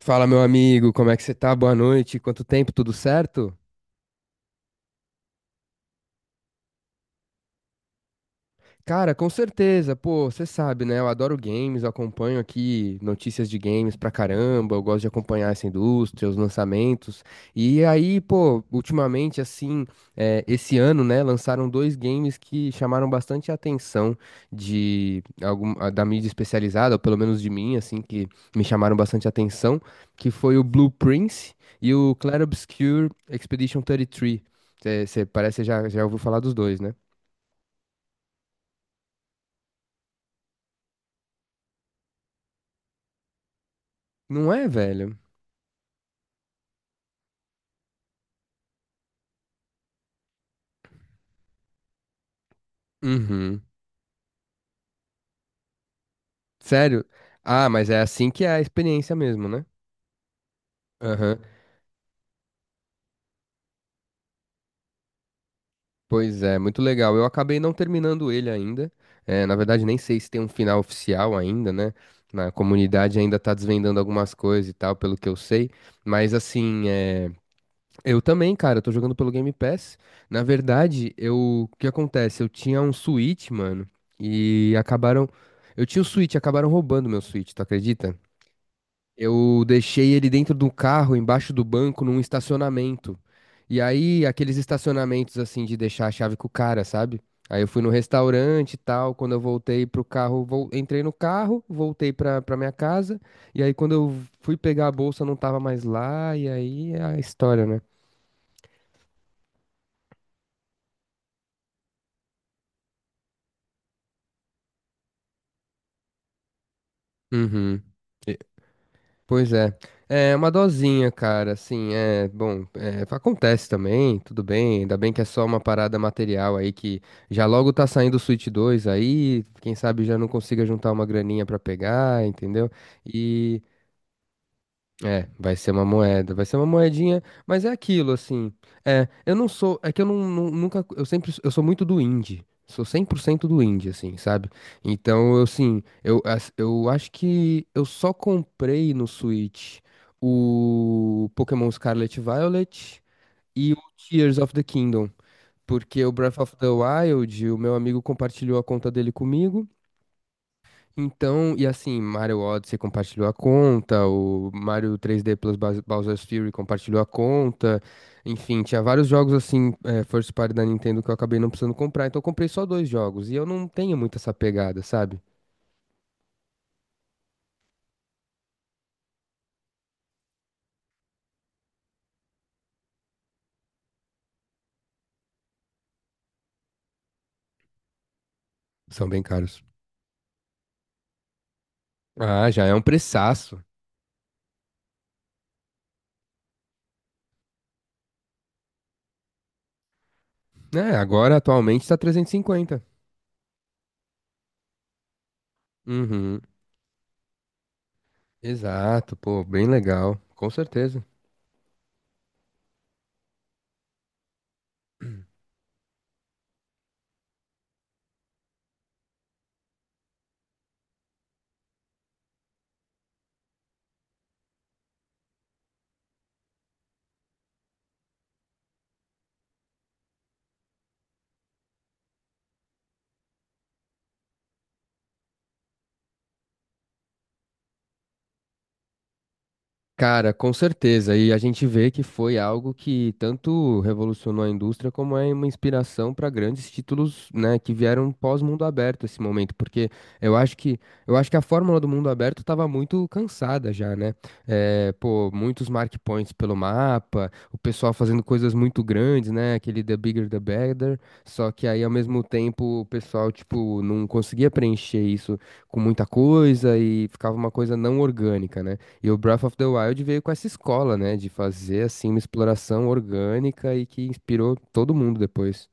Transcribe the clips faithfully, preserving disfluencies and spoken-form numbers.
Fala, meu amigo, como é que você tá? Boa noite. Quanto tempo, tudo certo? Cara, com certeza. Pô, você sabe, né? Eu adoro games, eu acompanho aqui notícias de games pra caramba, eu gosto de acompanhar essa indústria, os lançamentos. E aí, pô, ultimamente, assim, é, esse ano, né, lançaram dois games que chamaram bastante a atenção de algum, a- da mídia especializada, ou pelo menos de mim, assim, que me chamaram bastante a atenção, que foi o Blue Prince e o Clair Obscur Expedition trinta e três. Você parece que já, já ouviu falar dos dois, né? Não é, velho? Uhum. Sério? Ah, mas é assim que é a experiência mesmo, né? Aham. Pois é, muito legal. Eu acabei não terminando ele ainda. É, na verdade, nem sei se tem um final oficial ainda, né? Na comunidade ainda tá desvendando algumas coisas e tal, pelo que eu sei. Mas assim, é... eu também, cara, eu tô jogando pelo Game Pass. Na verdade, eu... o que acontece? Eu tinha um Switch, mano, e acabaram. Eu tinha o Switch, acabaram roubando meu Switch, tu acredita? Eu deixei ele dentro do carro, embaixo do banco, num estacionamento. E aí, aqueles estacionamentos assim de deixar a chave com o cara, sabe? Aí eu fui no restaurante e tal. Quando eu voltei pro carro, vol- entrei no carro, voltei pra, pra minha casa. E aí, quando eu fui pegar a bolsa, não tava mais lá. E aí é a história, né? Uhum. Pois é. É uma dosinha, cara. Assim, é bom. É, acontece também, tudo bem. Ainda bem que é só uma parada material aí que já logo tá saindo o Switch dois aí. Quem sabe já não consiga juntar uma graninha pra pegar, entendeu? É, vai ser uma moeda, vai ser uma moedinha, mas é aquilo, assim. É, eu não sou, é que eu não, não- nunca, eu sempre, eu sou muito do indie, sou cem por cento do indie, assim, sabe? Então, eu, assim, eu, as- eu acho que eu só comprei no Switch o Pokémon Scarlet e Violet e o Tears of the Kingdom, porque o Breath of the Wild, o meu amigo compartilhou a conta dele comigo. Então, e assim, Mario Odyssey compartilhou a conta, o Mario três D Plus Bas- Bowser's Fury compartilhou a conta, enfim, tinha vários jogos assim, é, first party da Nintendo que eu acabei não precisando comprar, então eu comprei só dois jogos, e eu não tenho muito essa pegada, sabe? São bem caros. Ah, já é um preçaço. É, agora atualmente tá trezentos e cinquenta. Uhum, exato, pô, bem legal, com certeza. Cara, com certeza. E a gente vê que foi algo que tanto revolucionou a indústria como é uma inspiração para grandes títulos, né, que vieram pós-mundo aberto esse momento, porque eu acho que eu acho que a fórmula do mundo aberto estava muito cansada já, né? Eh, pô, muitos mark points pelo mapa, o pessoal fazendo coisas muito grandes, né? Aquele The Bigger the Better. Só que aí ao mesmo tempo o pessoal tipo não conseguia preencher isso com muita coisa e ficava uma coisa não orgânica, né? E o Breath of the Wild veio com essa escola, né, de fazer assim uma exploração orgânica e que inspirou todo mundo depois.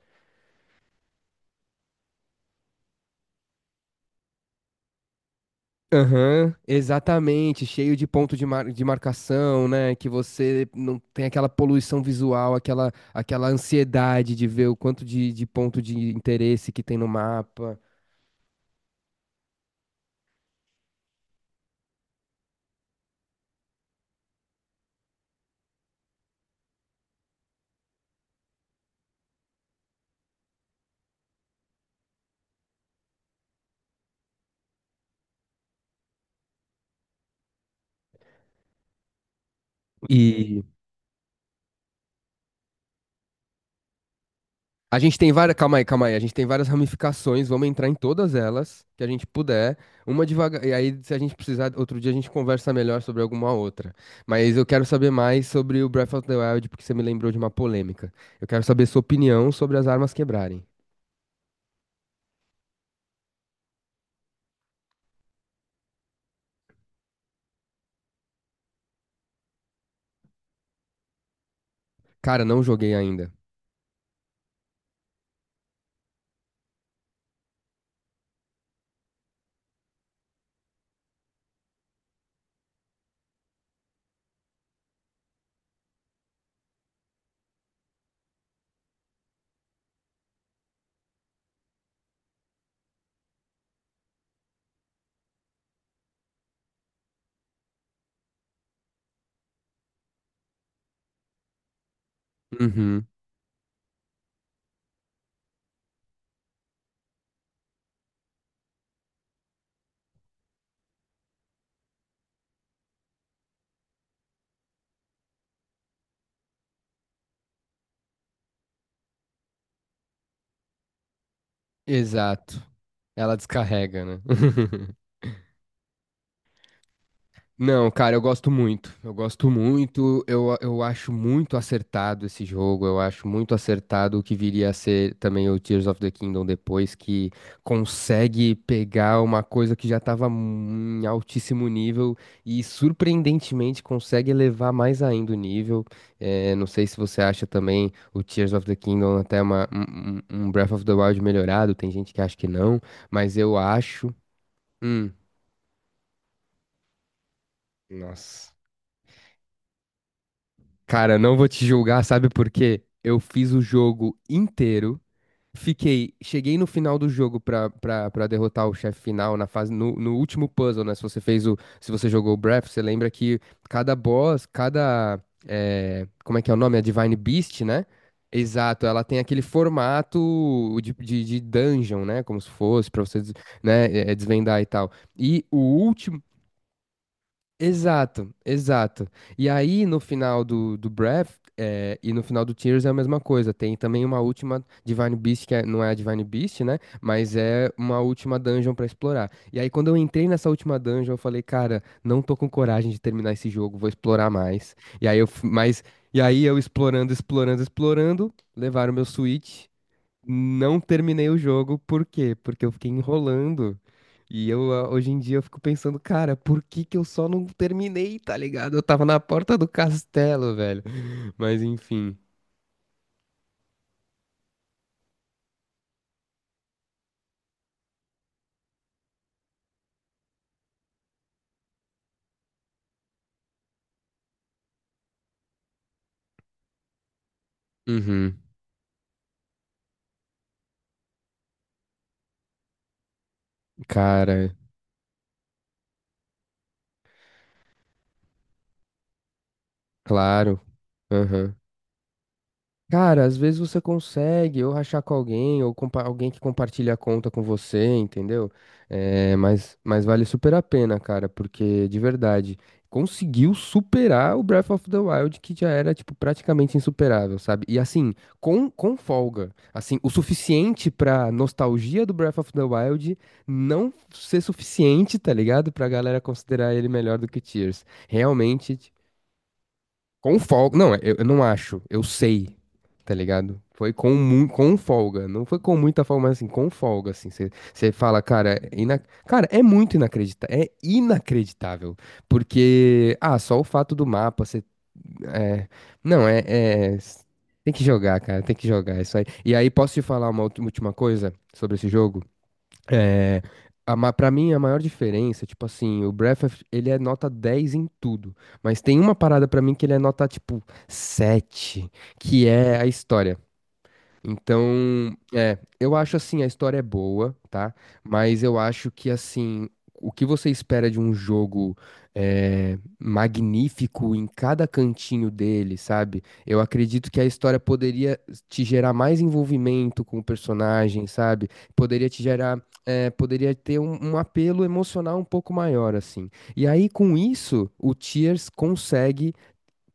Aham, exatamente, cheio de ponto de, mar- de marcação, né, que você não tem aquela poluição visual, aquela, aquela ansiedade de ver o quanto de, de ponto de interesse que tem no mapa. A gente tem várias. Calma aí, calma aí. A gente tem várias ramificações. Vamos entrar em todas elas que a gente puder. Uma devagar. E aí, se a gente precisar, outro dia a gente conversa melhor sobre alguma outra. Mas eu quero saber mais sobre o Breath of the Wild, porque você me lembrou de uma polêmica. Eu quero saber sua opinião sobre as armas quebrarem. Cara, não joguei ainda. Uhum. Exato. Ela descarrega, né? Não, cara, eu gosto muito. Eu gosto muito. Eu, eu acho muito acertado esse jogo. Eu acho muito acertado o que viria a ser também o Tears of the Kingdom depois, que consegue pegar uma coisa que já estava em altíssimo nível e surpreendentemente consegue elevar mais ainda o nível. É, não sei se você acha também o Tears of the Kingdom até uma, um, um um Breath of the Wild melhorado. Tem gente que acha que não, mas eu acho. Hum, nossa. Cara, não vou te julgar, sabe por quê? Eu fiz o jogo inteiro, fiquei, cheguei no final do jogo pra, pra, pra derrotar o chefe final na fase, no, no último puzzle, né? Se você fez o, se você jogou o Breath, você lembra que cada boss, cada, eh, como é que é o nome? A Divine Beast, né? Exato, ela tem aquele formato de, de, de dungeon, né? Como se fosse, pra você, des- né? eh, desvendar e tal. E o último Exato, exato. E aí, no final do, do Breath, eh, e no final do Tears é a mesma coisa. Tem também uma última Divine Beast, que é- não é a Divine Beast, né? Mas é uma última dungeon pra explorar. E aí, quando eu entrei nessa última dungeon, eu falei, cara, não tô com coragem de terminar esse jogo, vou explorar mais. E aí eu, fu- mas, e aí eu explorando, explorando, explorando, levaram meu Switch. Não terminei o jogo, por quê? Porque eu fiquei enrolando. E eu, ah, hoje em dia, eu fico pensando, cara, por que que eu só não terminei, tá ligado? Eu tava na porta do castelo, velho. Mas enfim. Uhum. Cara, claro. Aham. Cara, às vezes você consegue ou rachar com alguém, ou compa- alguém que compartilha a conta com você, entendeu? É, mas, mas vale super a pena, cara, porque de verdade conseguiu superar o Breath of the Wild, que já era, tipo, praticamente insuperável, sabe? E assim, com, com folga. Assim, o suficiente pra nostalgia do Breath of the Wild não ser suficiente, tá ligado? Pra galera considerar ele melhor do que Tears. Realmente. Com folga. Não, eu, eu não acho. Eu sei, tá ligado? Foi com, mu- com folga. Não foi com muita folga, mas assim, com folga, assim. Você fala, cara, é ina... cara, é muito inacreditável. É inacreditável. Porque, ah, só o fato do mapa, você. É... Não, é, é- tem que jogar, cara. Tem que jogar é isso aí. E aí, posso te falar uma ulti- última coisa sobre esse jogo? É, a, ma- Pra mim, a maior diferença, tipo assim, o Breath, of- ele é nota dez em tudo. Mas tem uma parada pra mim que ele é nota, tipo, sete que é a história. Então, é, eu acho assim, a história é boa, tá? Mas eu acho que assim, o que você espera de um jogo é magnífico em cada cantinho dele, sabe? Eu acredito que a história poderia te gerar mais envolvimento com o personagem, sabe? Poderia te gerar, é, poderia ter um, um apelo emocional um pouco maior, assim. E aí, com isso, o Tears consegue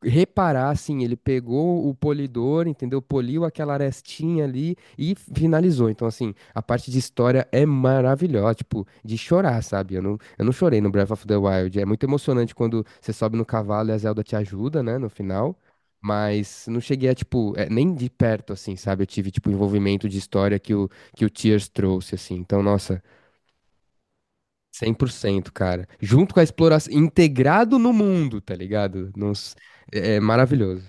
reparar, assim, ele pegou o polidor, entendeu? Poliu aquela arestinha ali e finalizou. Então, assim, a parte de história é maravilhosa, tipo, de chorar, sabe? Eu não, eu não chorei no Breath of the Wild. É muito emocionante quando você sobe no cavalo e a Zelda te ajuda, né, no final. Mas não cheguei a, tipo, é, nem de perto, assim, sabe? Eu tive, tipo, envolvimento de história que o, que o Tears trouxe, assim. Então, nossa, cem por cento, cara. Junto com a exploração, integrado no mundo, tá ligado? Nos, é é maravilhoso.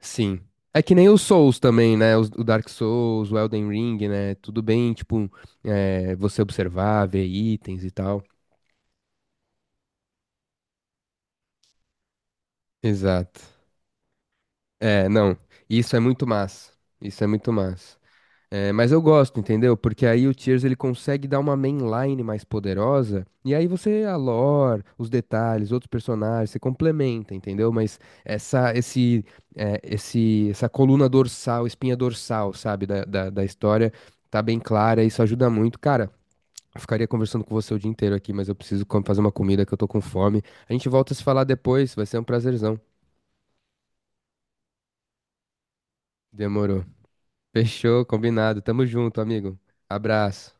Sim. É que nem os Souls também, né? Os- O Dark Souls, o Elden Ring, né? Tudo bem, tipo, é, você observar, ver itens e tal. Exato. É, não. Isso é muito massa. Isso é muito massa. É, mas eu gosto, entendeu? Porque aí o Tears ele consegue dar uma mainline mais poderosa, e aí você, a lore, os detalhes, outros personagens, você complementa, entendeu? Mas essa, esse, é, esse, essa coluna dorsal, espinha dorsal, sabe, da, da, da história, tá bem clara, isso ajuda muito. Cara, eu ficaria conversando com você o dia inteiro aqui, mas eu preciso com- fazer uma comida que eu tô com fome. A gente volta a se falar depois, vai ser um prazerzão. Demorou. Fechou, combinado. Tamo junto, amigo. Abraço.